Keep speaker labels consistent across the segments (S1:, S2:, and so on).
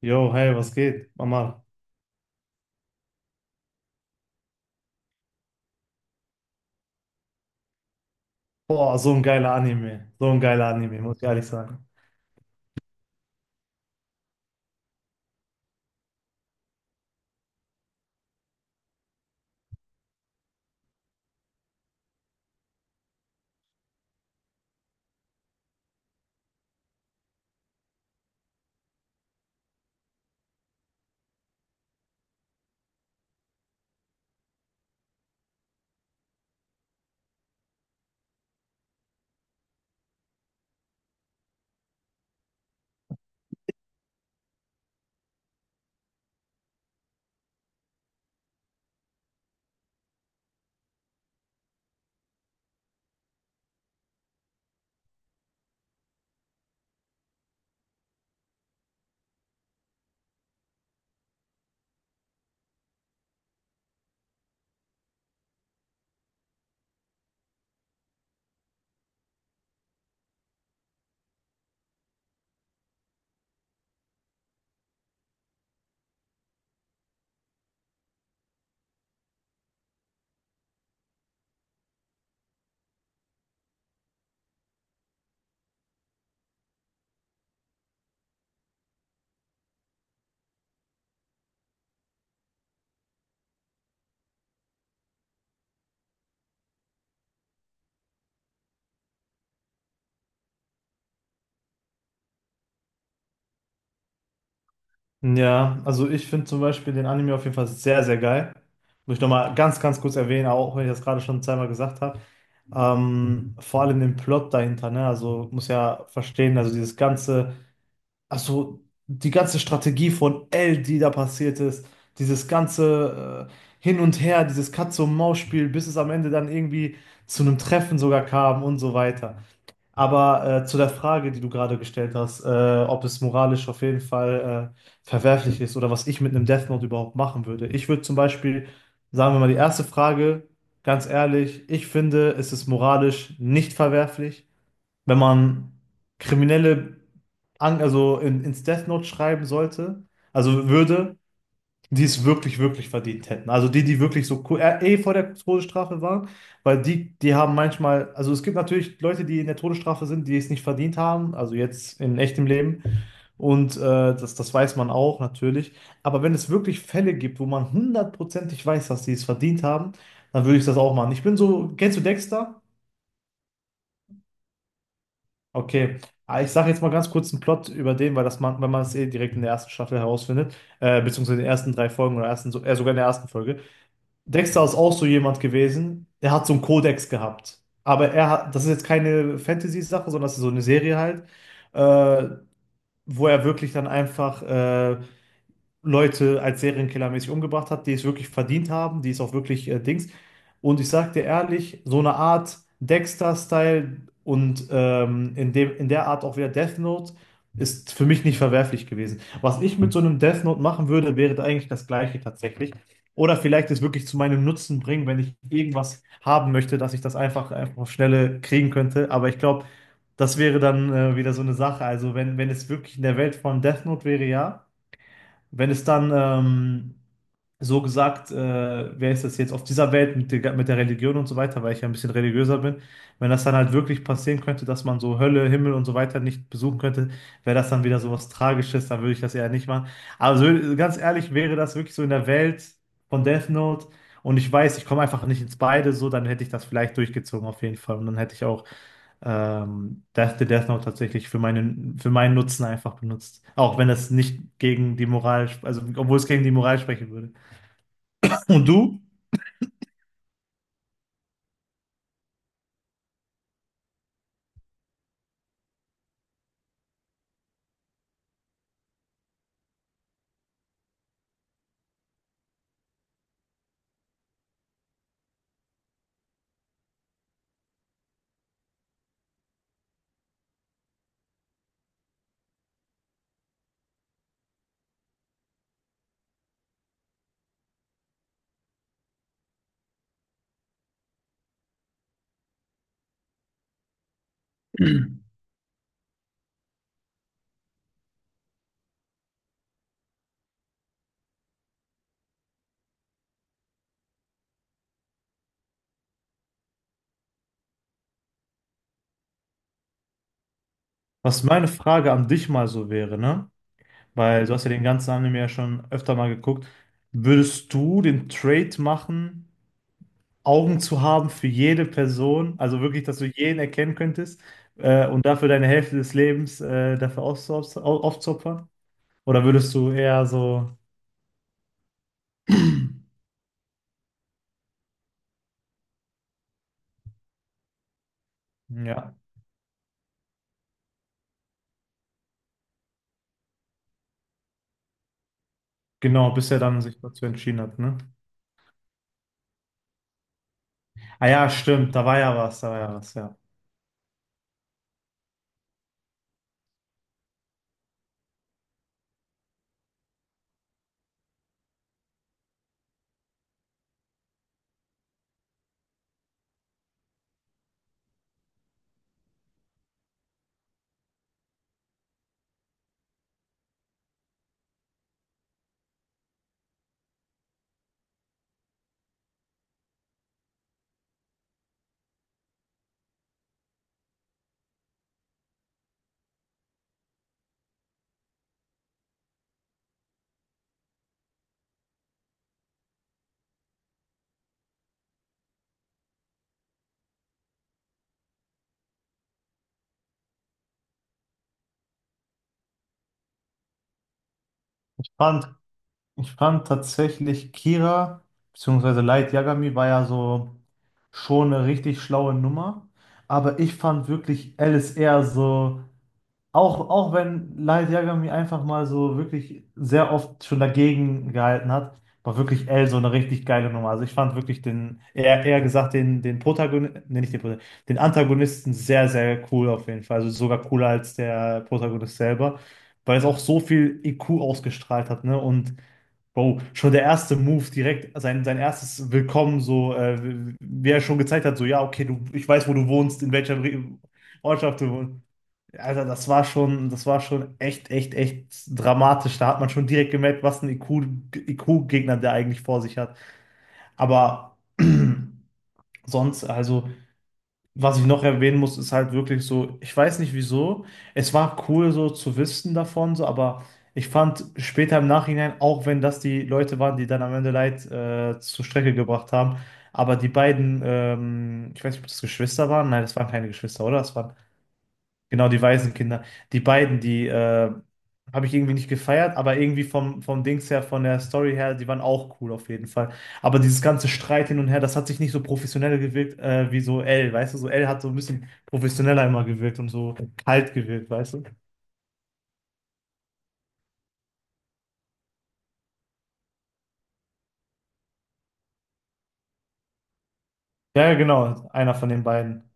S1: Yo, hey, was geht, Mama? Boah, so ein geiler Anime. So ein geiler Anime, muss ich ehrlich sagen. Ja, also ich finde zum Beispiel den Anime auf jeden Fall sehr, sehr geil. Muss ich nochmal ganz kurz erwähnen, auch wenn ich das gerade schon zweimal gesagt habe. Vor allem den Plot dahinter, ne? Also muss ja verstehen, also dieses ganze, also die ganze Strategie von L, die da passiert ist, dieses ganze Hin und Her, dieses Katze-und-Maus-Spiel, bis es am Ende dann irgendwie zu einem Treffen sogar kam und so weiter. Aber zu der Frage, die du gerade gestellt hast, ob es moralisch auf jeden Fall verwerflich ist oder was ich mit einem Death Note überhaupt machen würde. Ich würde zum Beispiel, sagen wir mal, die erste Frage, ganz ehrlich, ich finde, es ist moralisch nicht verwerflich, wenn man Kriminelle an, also in, ins Death Note schreiben sollte, also würde die es wirklich verdient hätten. Also die, die wirklich so eh vor der Todesstrafe waren, weil die haben manchmal, also es gibt natürlich Leute, die in der Todesstrafe sind, die es nicht verdient haben, also jetzt in echtem Leben. Und das weiß man auch natürlich. Aber wenn es wirklich Fälle gibt, wo man hundertprozentig weiß, dass die es verdient haben, dann würde ich das auch machen. Ich bin so, kennst du Dexter? Okay. Ah, ich sage jetzt mal ganz kurz einen Plot über den, weil das man, wenn man es eh direkt in der ersten Staffel herausfindet, beziehungsweise in den ersten drei Folgen oder ersten, sogar in der ersten Folge. Dexter ist auch so jemand gewesen, der hat so einen Kodex gehabt. Aber er hat, das ist jetzt keine Fantasy-Sache, sondern das ist so eine Serie halt, äh, wo er wirklich dann einfach Leute als Serienkillermäßig umgebracht hat, die es wirklich verdient haben, die es auch wirklich Dings. Und ich sag dir ehrlich, so eine Art Dexter-Style und in dem, in der Art auch wieder Death Note ist für mich nicht verwerflich gewesen. Was ich mit so einem Death Note machen würde, wäre da eigentlich das Gleiche tatsächlich. Oder vielleicht es wirklich zu meinem Nutzen bringen, wenn ich irgendwas haben möchte, dass ich das einfach auf Schnelle kriegen könnte. Aber ich glaube, das wäre dann wieder so eine Sache. Also wenn es wirklich in der Welt von Death Note wäre, ja. Wenn es dann so gesagt, wer ist das jetzt auf dieser Welt mit mit der Religion und so weiter, weil ich ja ein bisschen religiöser bin, wenn das dann halt wirklich passieren könnte, dass man so Hölle, Himmel und so weiter nicht besuchen könnte, wäre das dann wieder so was Tragisches, dann würde ich das eher nicht machen. Aber so, ganz ehrlich, wäre das wirklich so in der Welt von Death Note und ich weiß, ich komme einfach nicht ins Beide, so, dann hätte ich das vielleicht durchgezogen auf jeden Fall und dann hätte ich auch the Death Note tatsächlich für für meinen Nutzen einfach benutzt. Auch wenn das nicht gegen die Moral, also obwohl es gegen die Moral sprechen würde. Und du, was meine Frage an dich mal so wäre, ne? Weil du hast ja den ganzen Anime ja schon öfter mal geguckt. Würdest du den Trade machen, Augen zu haben für jede Person, also wirklich, dass du jeden erkennen könntest, und dafür deine Hälfte des Lebens, dafür aufzuopfern? Aufzuopfern? Oder würdest du eher so, ja. Genau, bis er dann sich dazu entschieden hat, ne? Ah ja, stimmt, da war ja was, da war ja was, ja. Ich fand, ich fand tatsächlich Kira, beziehungsweise Light Yagami war ja so schon eine richtig schlaue Nummer, aber ich fand wirklich Alice eher so. Auch wenn Light Yagami einfach mal so wirklich sehr oft schon dagegen gehalten hat, war wirklich L so eine richtig geile Nummer. Also ich fand wirklich den, eher gesagt, den Protagonisten, nee, nicht den Protagonisten, den Antagonisten sehr, sehr cool auf jeden Fall. Also sogar cooler als der Protagonist selber, weil es auch so viel IQ ausgestrahlt hat, ne? Und Bro, schon der erste Move direkt, sein erstes Willkommen, so, wie er schon gezeigt hat, so, ja, okay, du, ich weiß, wo du wohnst, Ortschaft du wohnst. Alter, das war schon echt echt dramatisch. Da hat man schon direkt gemerkt, was ein IQ-Gegner der eigentlich vor sich hat. Aber sonst, also, was ich noch erwähnen muss, ist halt wirklich so, ich weiß nicht wieso. Es war cool, so zu wissen davon, so, aber ich fand später im Nachhinein, auch wenn das die Leute waren, die dann am Ende Leid zur Strecke gebracht haben, aber die beiden, ich weiß nicht, ob das Geschwister waren. Nein, das waren keine Geschwister, oder? Das waren... Genau, die Waisenkinder. Die beiden, die habe ich irgendwie nicht gefeiert, aber irgendwie vom Dings her, von der Story her, die waren auch cool auf jeden Fall. Aber dieses ganze Streit hin und her, das hat sich nicht so professionell gewirkt, wie so L, weißt du? So L hat so ein bisschen professioneller immer gewirkt und so kalt gewirkt, weißt du? Ja, ja, genau, einer von den beiden.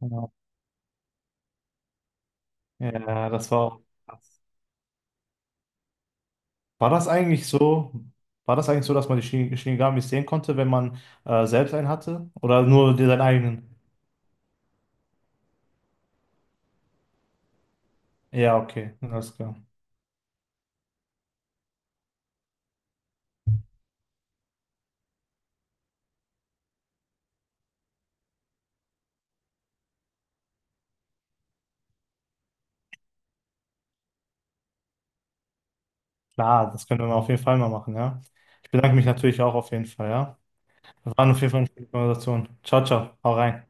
S1: Genau. Ja, das war auch krass. War das eigentlich so, war das eigentlich so, dass man die Shinigamis sehen konnte, wenn man selbst einen hatte? Oder nur den- seinen eigenen? Ja, okay, alles klar. Klar, das können wir auf jeden Fall mal machen, ja. Ich bedanke mich natürlich auch auf jeden Fall, ja. Das war auf jeden Fall eine schöne Konversation. Ciao, ciao. Hau rein.